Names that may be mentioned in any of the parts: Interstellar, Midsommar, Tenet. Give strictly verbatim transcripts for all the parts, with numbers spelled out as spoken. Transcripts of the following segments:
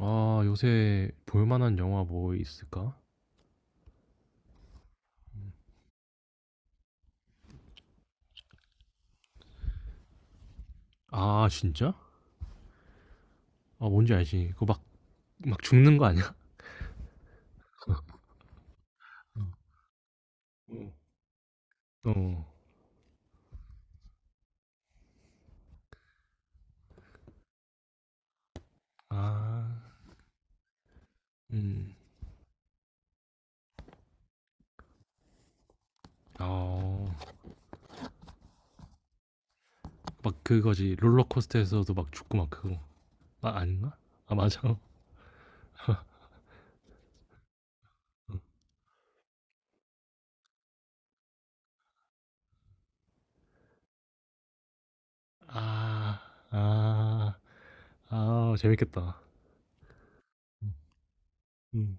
아 요새 볼 만한 영화 뭐 있을까? 아 진짜? 아 뭔지 알지. 그거 막 막 죽는 거 아니야? 어. 어. 아. 음. 어. 막 그거지. 롤러코스터에서도 막 죽고 막 그거. 아 아닌가? 아 맞아. 어. 아. 아. 아 재밌겠다. 음. 음.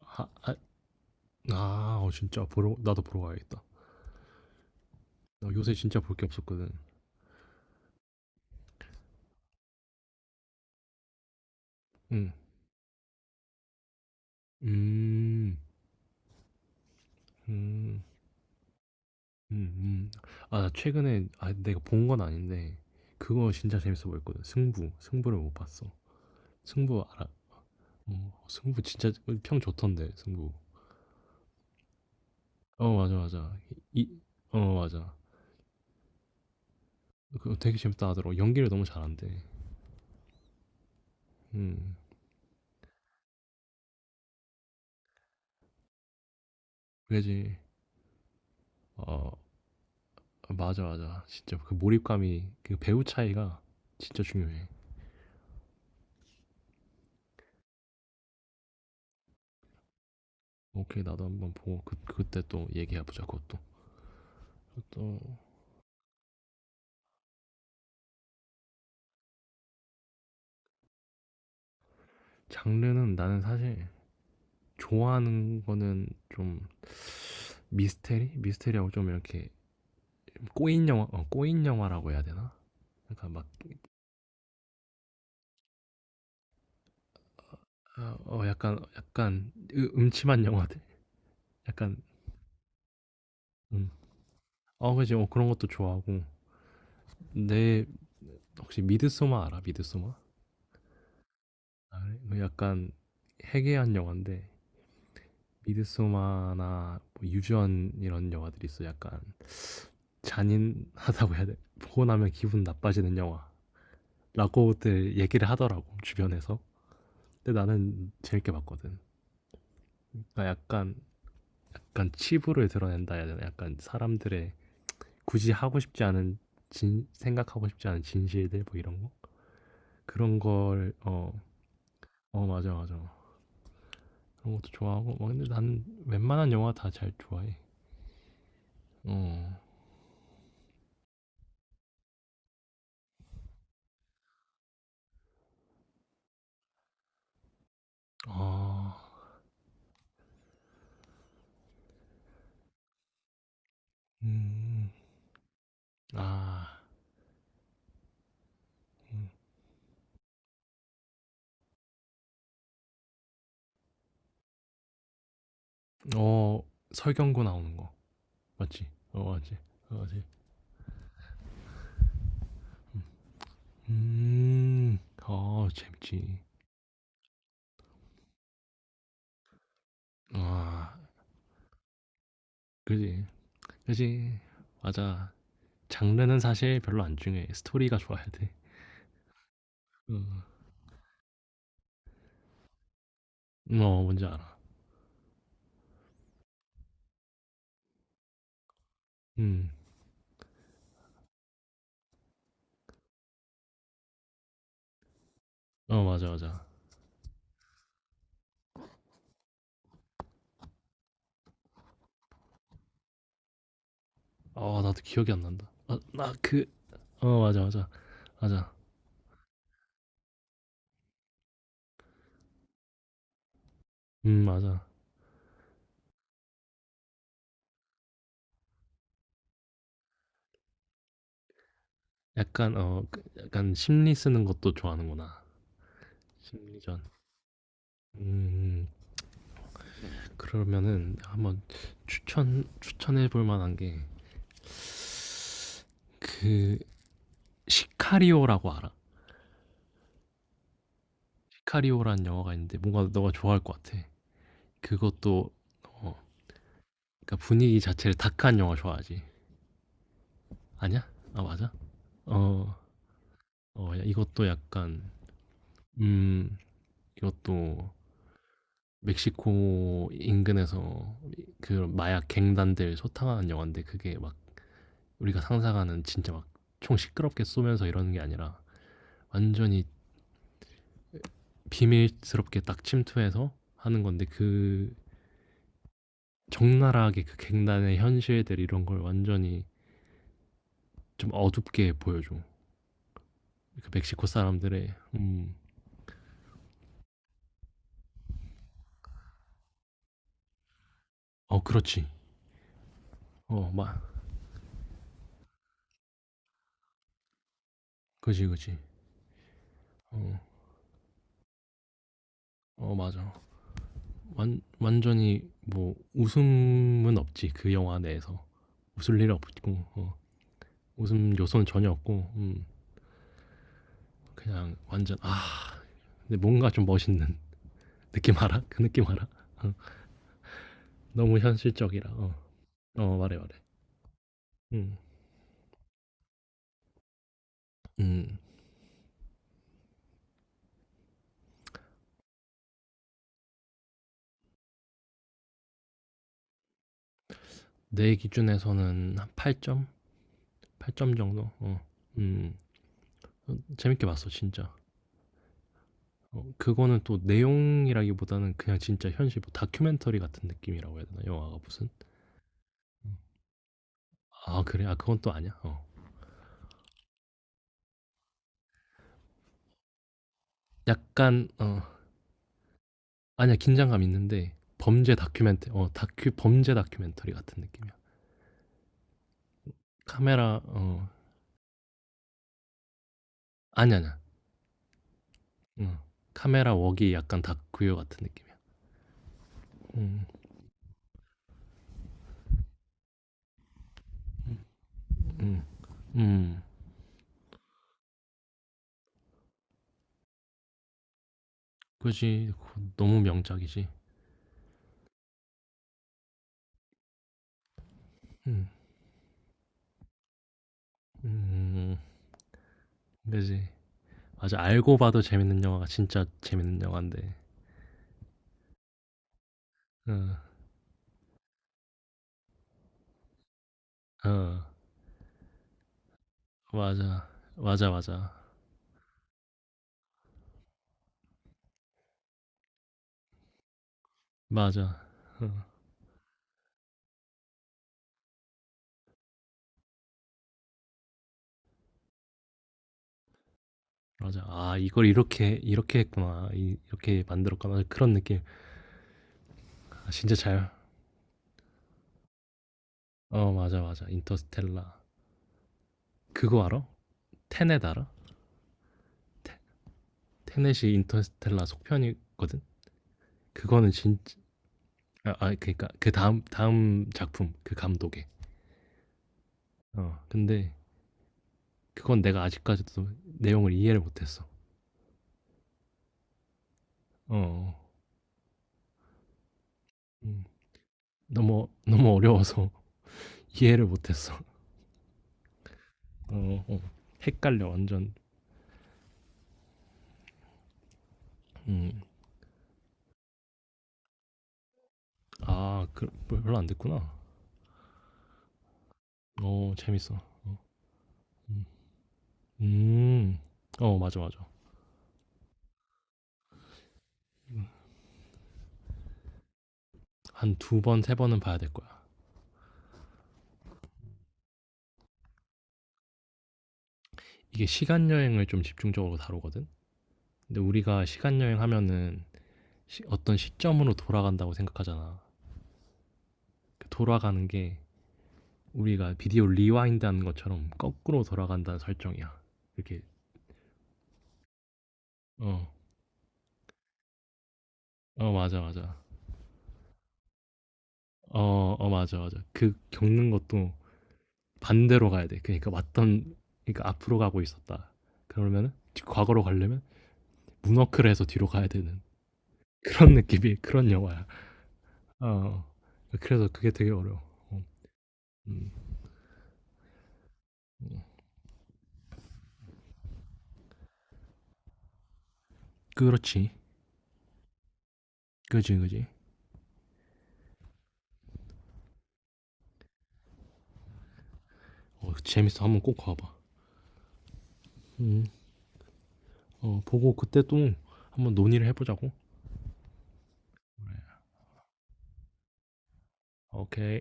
아. 아. 아 어, 진짜 보러 나도 보러 가야겠다. 나 요새 진짜 볼 게 없었거든. 음. 음. 음. 음음. 아 나 최근에 아 내가 본 건 아닌데 그거 진짜 재밌어 보였거든. 승부. 승부를 못 봤어. 승부 알아? 어 승부 진짜 그 평 좋던데 승부. 어 맞아, 맞아. 이 이 어 맞아. 그거 되게 재밌다 하더라고. 연기를 너무 잘한대. 음. 그래야지 어 맞아, 맞아. 진짜 그 몰입감이 그 배우 차이가 진짜 중요해. 오케이. 나도 한번 보고 그 그때 또 얘기해 보자 그것도. 또 장르는 나는 사실 좋아하는 거는 좀 미스테리? 미스테리하고 좀 이렇게 꼬인 영화, 어, 꼬인 영화라고 해야 되나? 약간 막, 아, 어, 약간, 약간 음침한 영화들? 약간, 음. 어, 그지, 어, 그런 것도 좋아하고. 내, 혹시 미드소마 알아? 미드소마? 아, 그래? 그 약간 해괴한 영화인데, 미드소마나 뭐 유전 이런 영화들이 있어. 약간 잔인하다고 해야 돼. 보고 나면 기분 나빠지는 영화라고들 얘기를 하더라고, 주변에서. 근데 나는 재밌게 봤거든. 그러니까 약간 약간 치부를 드러낸다 해야 되나? 약간 사람들의 굳이 하고 싶지 않은 진 생각하고 싶지 않은 진실들 뭐 이런 거 그런 걸 어 어 맞아 맞아 그런 것도 좋아하고 막 근데 난 웬만한 영화 다 잘 좋아해 어 아 음 아 어 설경구 나오는 거 맞지 어 맞지 어 맞지 음어 재밌지 아 그지 그지 맞아 장르는 사실 별로 안 중요해 스토리가 좋아야 돼 음. 어 뭔지 알아. 음. 어 맞아, 맞아. 어 나도 기억이 안 난다. 아 나 그 어 맞아, 맞아. 맞아. 음 맞아. 약간 어 그 약간 심리 쓰는 것도 좋아하는구나. 심리전. 음. 그러면은 한번 추천 추천해 볼 만한 게 그 시카리오라고 알아? 시카리오라는 영화가 있는데 뭔가 너가 좋아할 것 같아. 그것도 어 그러니까 분위기 자체를 다크한 영화 좋아하지? 아니야? 아 맞아? 어. 어 이것도 약간 음. 이것도 멕시코 인근에서 그런 마약 갱단들 소탕하는 영화인데 그게 막 우리가 상상하는 진짜 막 총 시끄럽게 쏘면서 이러는 게 아니라 완전히 비밀스럽게 딱 침투해서 하는 건데 그 적나라하게 그 갱단의 현실들 이런 걸 완전히 좀 어둡게 보여줘. 그 멕시코 사람들의 음. 어 그렇지. 어 마. 그지 그지. 어. 어 맞아. 완, 완전히 뭐 웃음은 없지 그 영화 내에서 웃을 일 없고 어, 웃음 요소는 전혀 없고 음, 그냥 완전 아 근데 뭔가 좀 멋있는 느낌 알아? 그 느낌 알아? 어, 너무 현실적이라 어, 어, 말해 말해 음, 음, 내 기준에서는 한 팔 점? 팔 점 정도? 어, 음, 어, 재밌게 봤어 진짜 어, 그거는 또 내용이라기보다는 그냥 진짜 현실 뭐 다큐멘터리 같은 느낌이라고 해야 되나 영화가 무슨 음, 아 그래? 아 그건 또 아니야? 어. 약간 어 아니야 긴장감 있는데 범죄 다큐멘터 어 다큐 범죄 다큐멘터리 같은 느낌이야. 카메라 어 아니 아니야. 어 카메라 웍이 약간 다큐 같은 느낌이야. 음. 음. 그지 그 너무 명작이지. 음. 음. 그지 맞아 알고 봐도 재밌는 영화가 진짜 재밌는 영화인데. 어. 어. 맞아. 맞아 맞아. 맞아. 어. 맞아. 아, 이걸 이렇게 이렇게 했구나. 이, 이렇게 만들었구나. 그런 느낌. 아, 진짜 잘 어 맞아, 맞아. 인터스텔라. 그거 알아? 테넷 알아? 테 테넷이 인터스텔라 속편이거든. 그거는 진짜 아 아 그러니까 그다음 다음 다음 작품 그 감독의. 어 근데 그건 내가 아직까지도 내용을 이해를 못 했어. 어 음. 너무 너무 어려워서 이해를 못 했어. 어 어. 헷갈려 완전. 음. 아그 뭐 별로 안 됐구나. 어 재밌어. 어. 음. 음. 어 맞아, 맞아. 한 두 번 세 번은 봐야 될 거야. 이게 시간 여행을 좀 집중적으로 다루거든. 근데 우리가 시간 여행하면은 시- 어떤 시점으로 돌아간다고 생각하잖아. 그 돌아가는 게 우리가 비디오 리와인드 하는 것처럼 거꾸로 돌아간다는 설정이야. 이렇게 어, 어 맞아 맞아. 어, 어 맞아 맞아. 그 겪는 것도 반대로 가야 돼. 그러니까 왔던 그러니까 앞으로 가고 있었다. 그러면은 뒤- 과거로 가려면 문워크를 해서 뒤로 가야 되는 그런 느낌이 그런 영화야. 어. 어. 그래서 그게 되게 어려워. 어, 음. 그렇지. 그지 그지. 어, 재밌어. 한번 꼭 가봐. 음. 어, 보고 그때 또 한번 논의를 해보자고. 오케이.